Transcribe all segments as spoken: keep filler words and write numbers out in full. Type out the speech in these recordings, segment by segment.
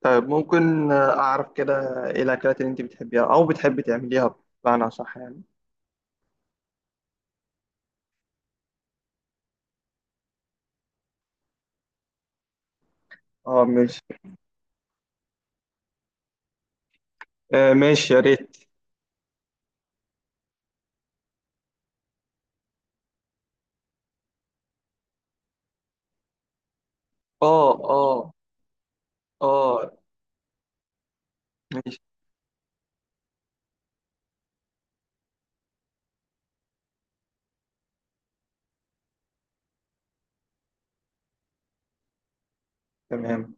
طيب، ممكن أعرف كده إيه الأكلات اللي أنت بتحبيها أو بتحبي تعمليها بمعنى صح يعني. أه، ماشي. آه، ماشي، يا ريت. أه، أه، أه، ماشي. تمام.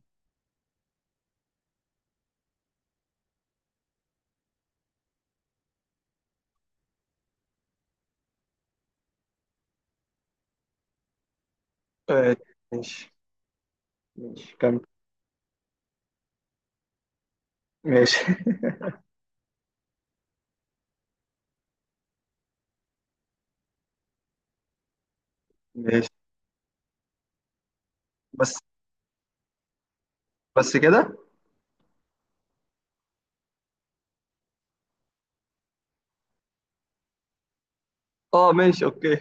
آه، ماشي، ماشي، كمل. ماشي. ماشي، بس. بس كده. أه، ماشي، أوكي.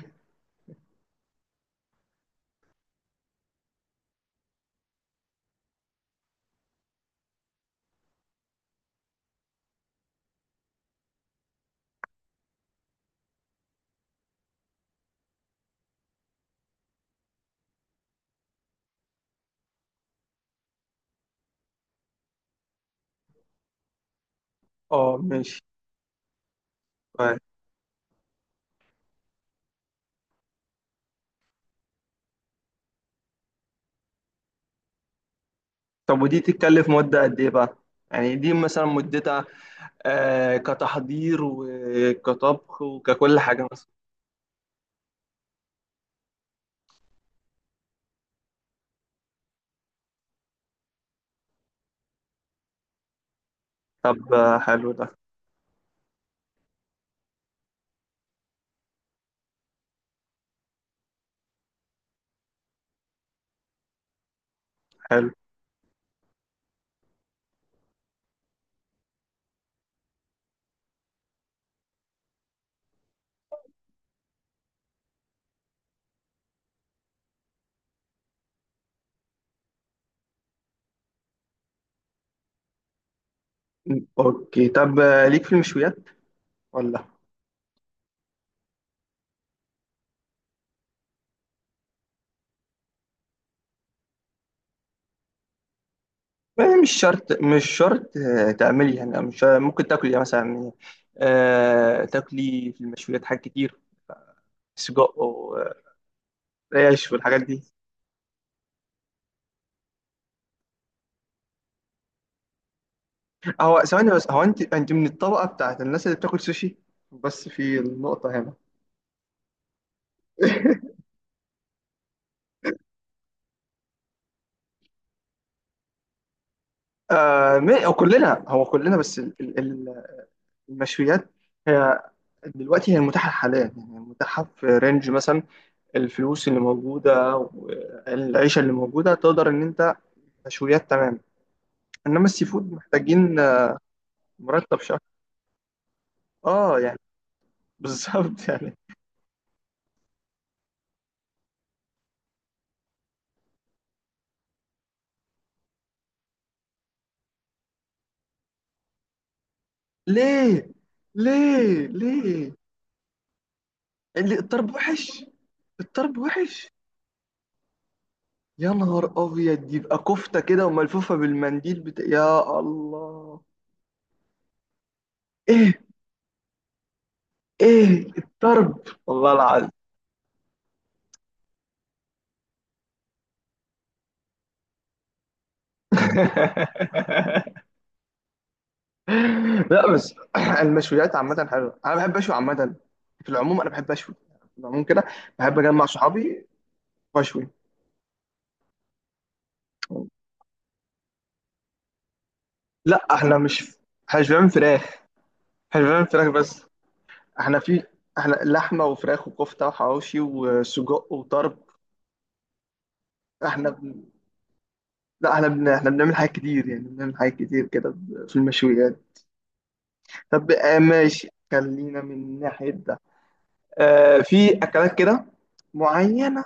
أه، ماشي، طيب. طب، ودي تتكلف مدة قد إيه بقى؟ يعني دي مثلا مدتها آه كتحضير وكطبخ وككل حاجة مثلا. طب، آه، حلو ده. حلو، اوكي. طب، آه، ليك في المشويات ولا؟ آه، مش شرط، مش شرط، آه، تعملي، يعني مش شرط- ممكن تاكلي يعني مثلا، آه، تاكلي في المشويات حاجات كتير. سجق وريش والحاجات دي. هو ثواني بس، هو انت انت من الطبقه بتاعت الناس اللي بتاكل سوشي، بس في النقطه هنا. آه ما- هو كلنا هو كلنا، بس ال- ال- ال- المشويات، هي دلوقتي هي المتاحه حاليا يعني، المتاحه في رينج مثلا، الفلوس اللي موجودة والعيشة اللي موجودة، تقدر إن أنت مشويات، تمام. إنما السي فود محتاجين آه، مرتب شهر، آه يعني، بالظبط. يعني، ليه، ليه، ليه؟ اللي الطرب وحش؟ الطرب وحش؟ يا نهار أبيض، يبقى كفتة كده وملفوفة بالمنديل بتا... يا الله. إيه، إيه الطرب؟ والله العظيم. لا، بس، المشويات عامة حلوة، أنا بحب أشوي عامة. في العموم أنا بحب أشوي، في العموم كده بحب أجمع صحابي وأشوي. لا، احنا مش احنا مش بنعمل فراخ، احنا مش بنعمل فراخ بس. احنا في احنا لحمه وفراخ وكفته وحواوشي وسجق وطرب. احنا بن... لا احنا بن... احنا بنعمل حاجات كتير، يعني بنعمل حاجات كتير كده في المشويات. طب، آه ماشي، خلينا من ناحيه ده. آه في اكلات كده معينه،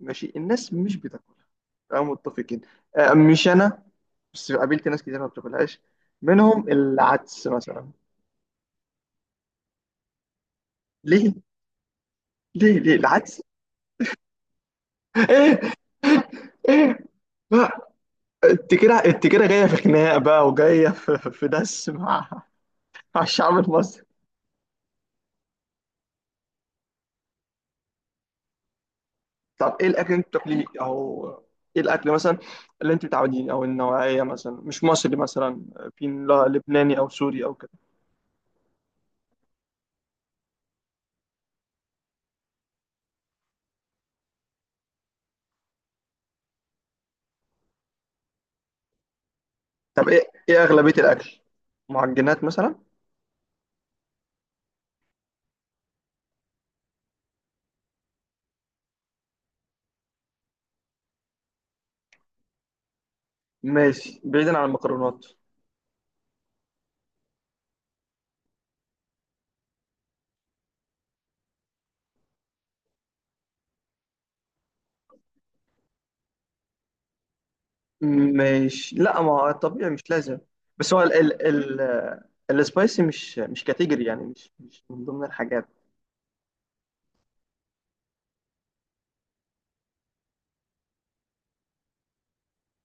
ماشي الناس مش بتاكلها. أه، متفقين. أه، مش أنا، بس قابلت ناس كتير ما بتاكلهاش، منهم العدس مثلا. ليه، ليه، ليه العدس؟ ايه، ايه؟ لا، انت كده، انت كده جايه في خناق بقى، وجايه في, في دس مع مع الشعب المصري. طب، ايه الاكل اللي انت بتاكليه، او ايه الاكل مثلا اللي انت متعودين، او النوعيه مثلا، مش مصري مثلا، في لا- لبناني او سوري او كده؟ طب، ايه ايه اغلبيه الاكل؟ معجنات مثلا؟ ماشي، بعيدا عن المكرونات. مش، لا، ما هو الطبيعي مش لازم. بس هو ال ال ال السبايسي مش مش كاتيجوري، يعني مش مش من ضمن الحاجات.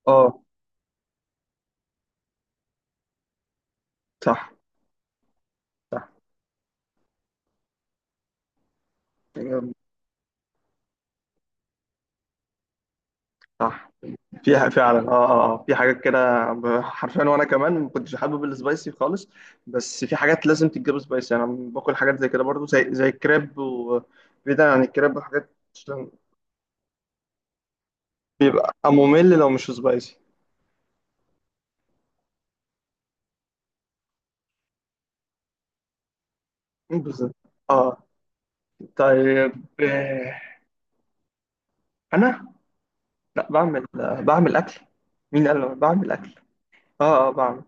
اه، صح، صح، صح، في ح- فعلا، اه اه آه. في حاجات كده ب- حرفيا، وانا كمان ما كنتش حابب السبايسي خالص. بس في حاجات لازم تتجاب سبايسي. انا باكل حاجات زي كده برضو، زي زي الكريب، وبعيدا عن الكريب وحاجات مش- بيبقى ممل لو مش سبايسي. بالظبط. اه. طيب، آه، انا؟ لا، بعمل بعمل اكل. مين قال لك بعمل اكل؟ اه، اه، بعمل،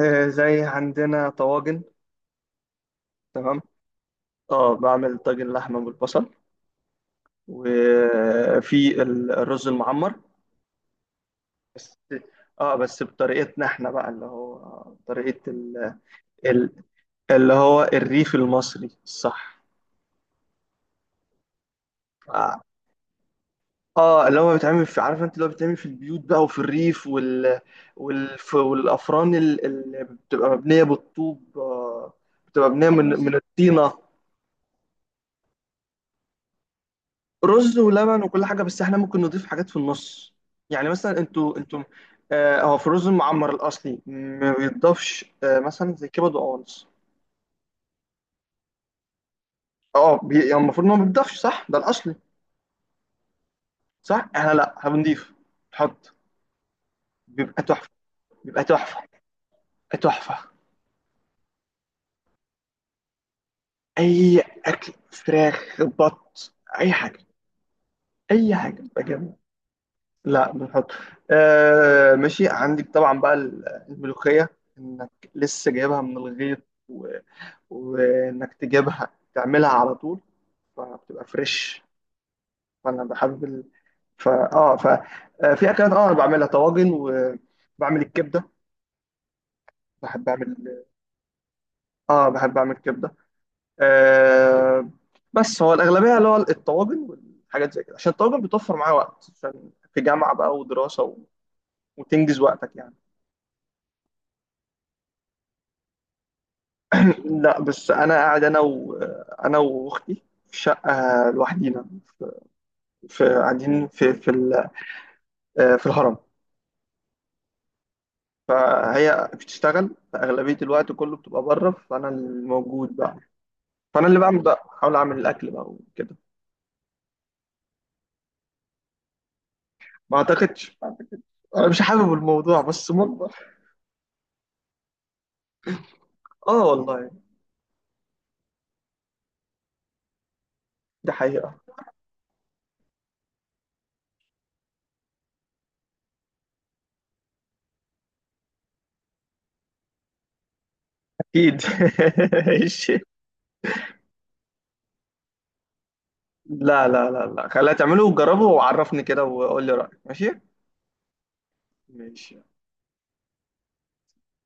آه زي عندنا طواجن. تمام. اه، بعمل طاجن لحمه بالبصل، وفي ال- الرز المعمر بس. اه بس بطريقتنا احنا بقى، اللي هو طريقه ال... ال... اللي هو الريف المصري الصح. اه آه، اللي هو بيتعمل في، عارف انت اللي هو بيتعمل في البيوت بقى وفي الريف وال... والف... والافران ال- اللي بتبقى مبنيه بالطوب، آه، بتبقى مبنيه من من الطينه. رز ولبن وكل حاجه، بس احنا ممكن نضيف حاجات في النص، يعني مثلا انتوا انتوا آه، هو في الرز المعمر الاصلي ما بيتضافش، آه، مثلا زي كبد وقوانص. اه، بي- يعني المفروض ان هو ما بيتضافش، صح؟ ده الاصلي، صح؟ احنا لا، هنضيف، نحط، بيبقى تحفه، بيبقى تحفه، بيبقى تحفه. اي اكل، فراخ، بط، اي حاجه، اي حاجه بتبقى جامده. لا، بنحط. آه، ماشي، عندك طبعا بقى الملوخيه، انك لسه جايبها من الغيط، وانك تجيبها تعملها على طول فبتبقى فريش، فانا بحب ال... فا اه ف آه، في اكلات اه انا بعملها طواجن وبعمل الكبده. بحب اعمل اه بحب اعمل كبده. آه بس هو الاغلبيه اللي هو الطواجن والحاجات زي كده، عشان الطواجن بتوفر معايا وقت، عشان في جامعه بقى ودراسه و... وتنجز وقتك يعني. لا، بس انا قاعد، انا و... انا واختي في شقه لوحدينا، في في- قاعدين في في ال... آه، في الهرم. فهي بتشتغل، فأغلبية الوقت كله بتبقى بره، فأنا الموجود بقى، فأنا اللي بعمل بقى، بحاول أعمل الأكل بقى وكده. ما أعتقدش، أنا مش حابب الموضوع بس مطبخ. آه، والله، دي حقيقة، أكيد. ماشي. لا، لا، لا، لا، خليها تعمله وجربه وعرفني كده وقول لي رأيك. ماشي، ماشي.